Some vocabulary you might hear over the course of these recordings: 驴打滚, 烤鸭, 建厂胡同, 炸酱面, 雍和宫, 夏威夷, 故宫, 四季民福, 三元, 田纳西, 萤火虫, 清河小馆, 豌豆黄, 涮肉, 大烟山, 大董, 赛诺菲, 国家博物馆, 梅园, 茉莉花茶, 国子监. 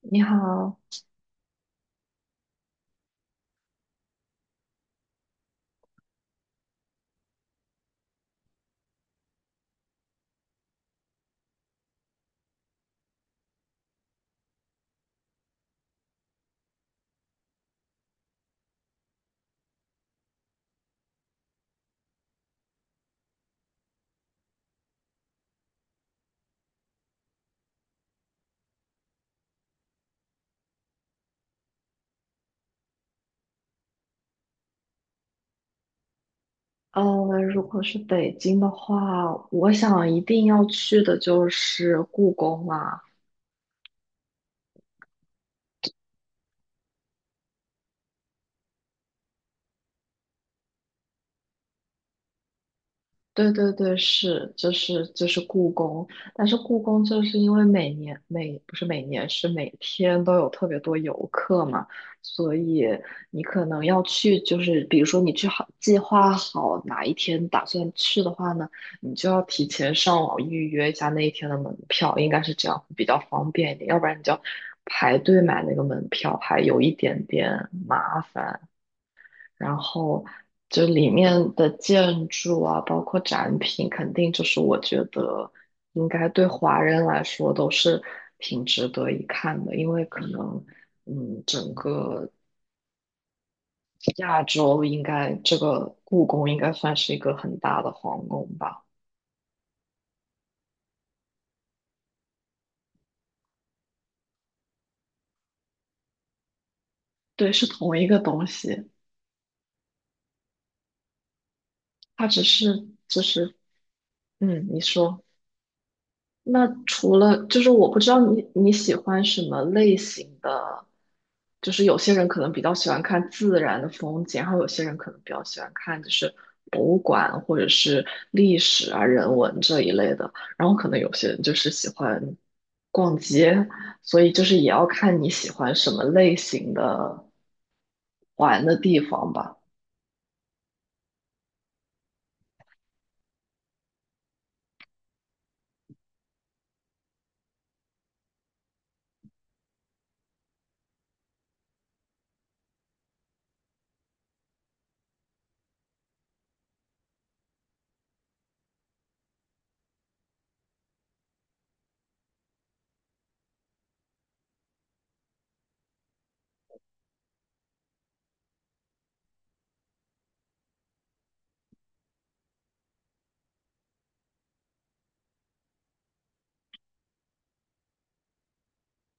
你好。如果是北京的话，我想一定要去的就是故宫啦、对对对，是，就是故宫。但是故宫就是因为每年每不是每年是每天都有特别多游客嘛，所以你可能要去，就是比如说你去好计划好哪一天打算去的话呢，你就要提前上网预约一下那一天的门票，应该是这样比较方便一点，要不然你就要排队买那个门票，还有一点点麻烦。然后就里面的建筑啊，包括展品，肯定就是我觉得应该对华人来说都是挺值得一看的。因为可能整个亚洲应该这个故宫应该算是一个很大的皇宫吧？对，是同一个东西，它只是就是。嗯，你说。那除了就是我不知道你喜欢什么类型的，就是有些人可能比较喜欢看自然的风景，然后有些人可能比较喜欢看就是博物馆或者是历史啊人文这一类的，然后可能有些人就是喜欢逛街，所以就是也要看你喜欢什么类型的玩的地方吧。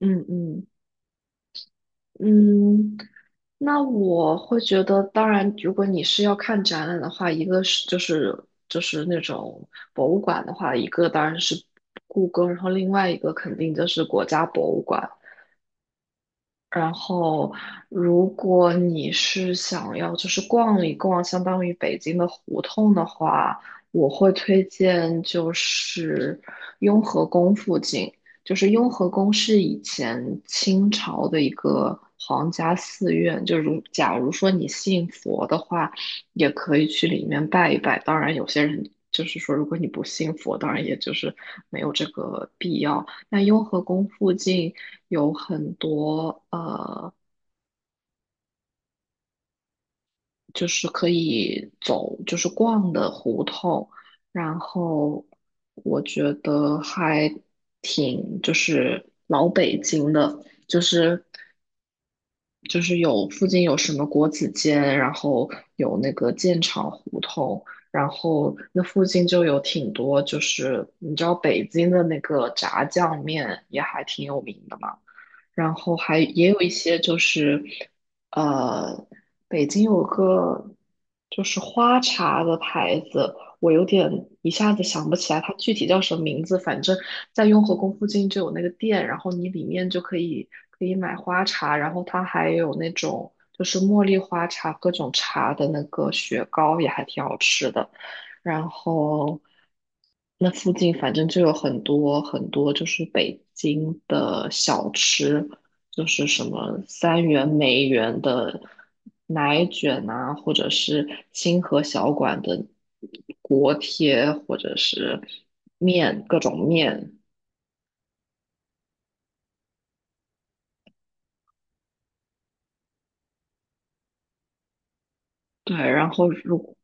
嗯嗯。嗯，那我会觉得，当然，如果你是要看展览的话，一个是就是那种博物馆的话，一个当然是故宫，然后另外一个肯定就是国家博物馆。然后，如果你是想要就是逛一逛，相当于北京的胡同的话，我会推荐就是雍和宫附近。就是雍和宫是以前清朝的一个皇家寺院，就如假如说你信佛的话，也可以去里面拜一拜。当然，有些人就是说，如果你不信佛，当然也就是没有这个必要。那雍和宫附近有很多就是可以走，就是逛的胡同，然后我觉得还挺就是老北京的，就是就是有附近有什么国子监，然后有那个建厂胡同，然后那附近就有挺多，就是你知道北京的那个炸酱面也还挺有名的嘛。然后还也有一些就是，呃，北京有个就是花茶的牌子，我有点一下子想不起来它具体叫什么名字，反正在雍和宫附近就有那个店，然后你里面就可以买花茶，然后它还有那种就是茉莉花茶各种茶的那个雪糕也还挺好吃的。然后那附近反正就有很多很多，就是北京的小吃，就是什么三元、梅园的奶卷呐，或者是清河小馆的锅贴，或者是面，各种面。对，然后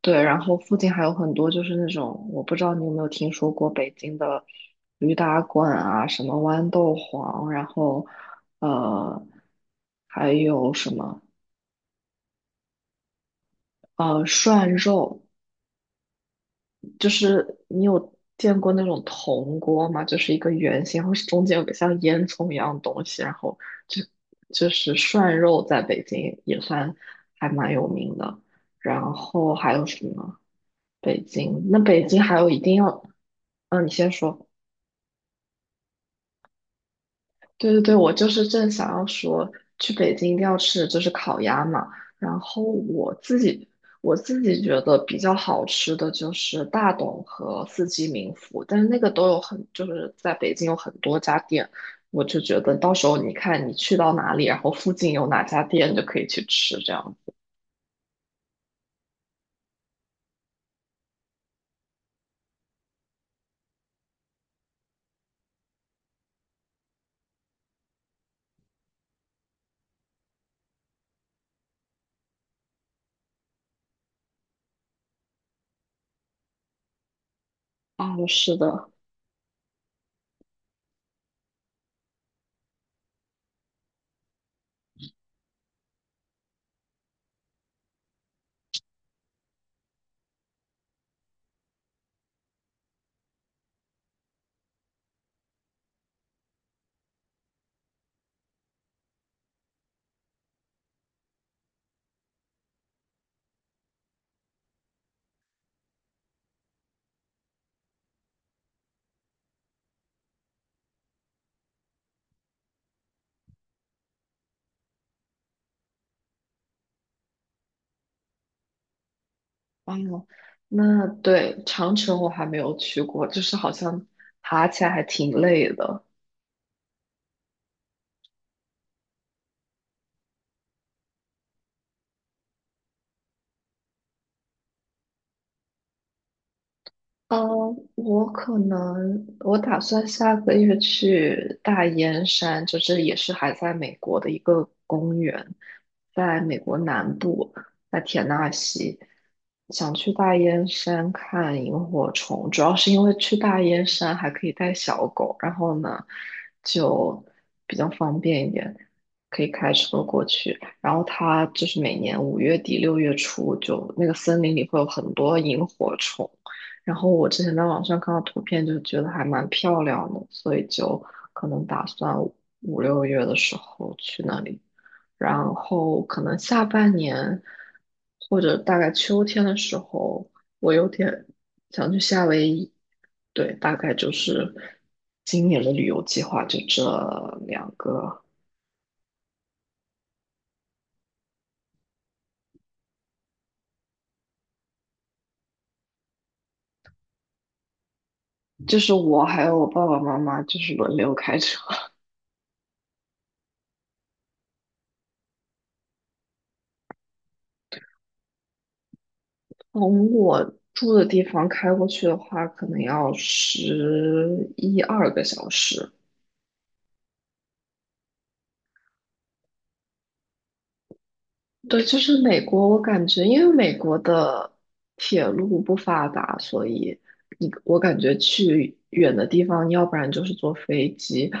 对，然后附近还有很多就是那种，我不知道你有没有听说过北京的驴打滚啊，什么豌豆黄，然后呃，还有什么涮肉，就是你有见过那种铜锅吗？就是一个圆形，然后中间有个像烟囱一样的东西，然后就就是涮肉在北京也算还蛮有名的。然后还有什么？北京，那北京还有一定要。嗯，你先说。对对对，我就是正想要说，去北京一定要吃的就是烤鸭嘛。然后我自己觉得比较好吃的就是大董和四季民福，但是那个都有很，就是在北京有很多家店，我就觉得到时候你看你去到哪里，然后附近有哪家店就可以去吃这样。哦，是的。哦，那对，长城我还没有去过，就是好像爬起来还挺累的。呃，我可能我打算下个月去大烟山，就是也是还在美国的一个公园，在美国南部，在田纳西，想去大烟山看萤火虫，主要是因为去大烟山还可以带小狗，然后呢就比较方便一点，可以开车过去。然后它就是每年5月底6月初就那个森林里会有很多萤火虫。然后我之前在网上看到图片，就觉得还蛮漂亮的，所以就可能打算5、6月的时候去那里，然后可能下半年或者大概秋天的时候，我有点想去夏威夷。对，大概就是今年的旅游计划就这2个。就是我还有我爸爸妈妈就是轮流开车。从我住的地方开过去的话，可能要11、12个小时。对，就是美国，我感觉因为美国的铁路不发达，所以你我感觉去远的地方，要不然就是坐飞机。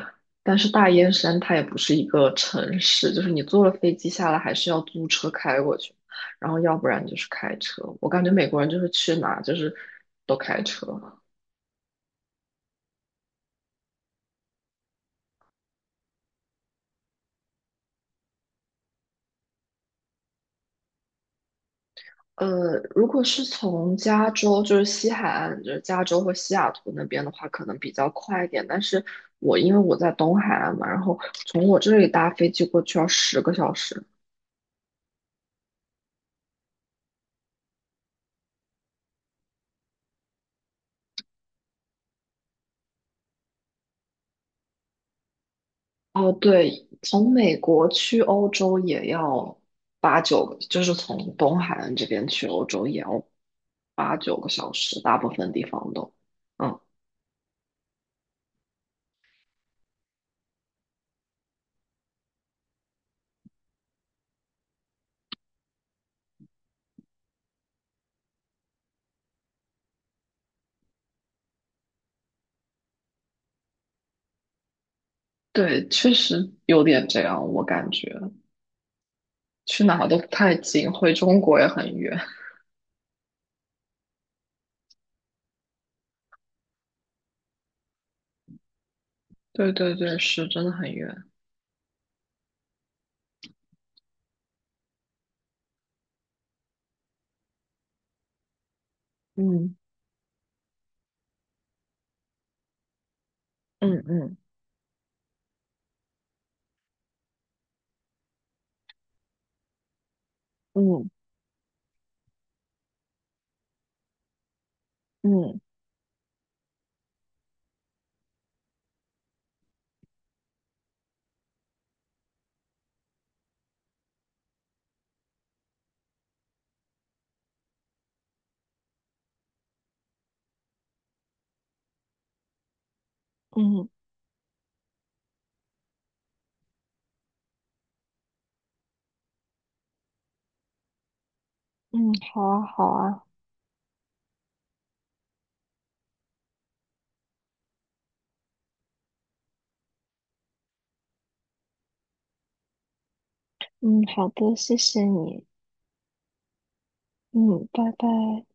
但是大燕山它也不是一个城市，就是你坐了飞机下来，还是要租车开过去，然后要不然就是开车。我感觉美国人就是去哪就是都开车。如果是从加州，就是西海岸，就是加州或西雅图那边的话，可能比较快一点。但是我因为我在东海岸嘛，然后从我这里搭飞机过去要10个小时。哦，对，从美国去欧洲也要八九个，就是从东海岸这边去欧洲也要8、9个小时，大部分地方都。嗯，对，确实有点这样，我感觉去哪都不太近，回中国也很远。对对对，是真的很远。嗯嗯嗯嗯嗯嗯嗯，好啊好啊。嗯，好的，谢谢你。嗯，拜拜。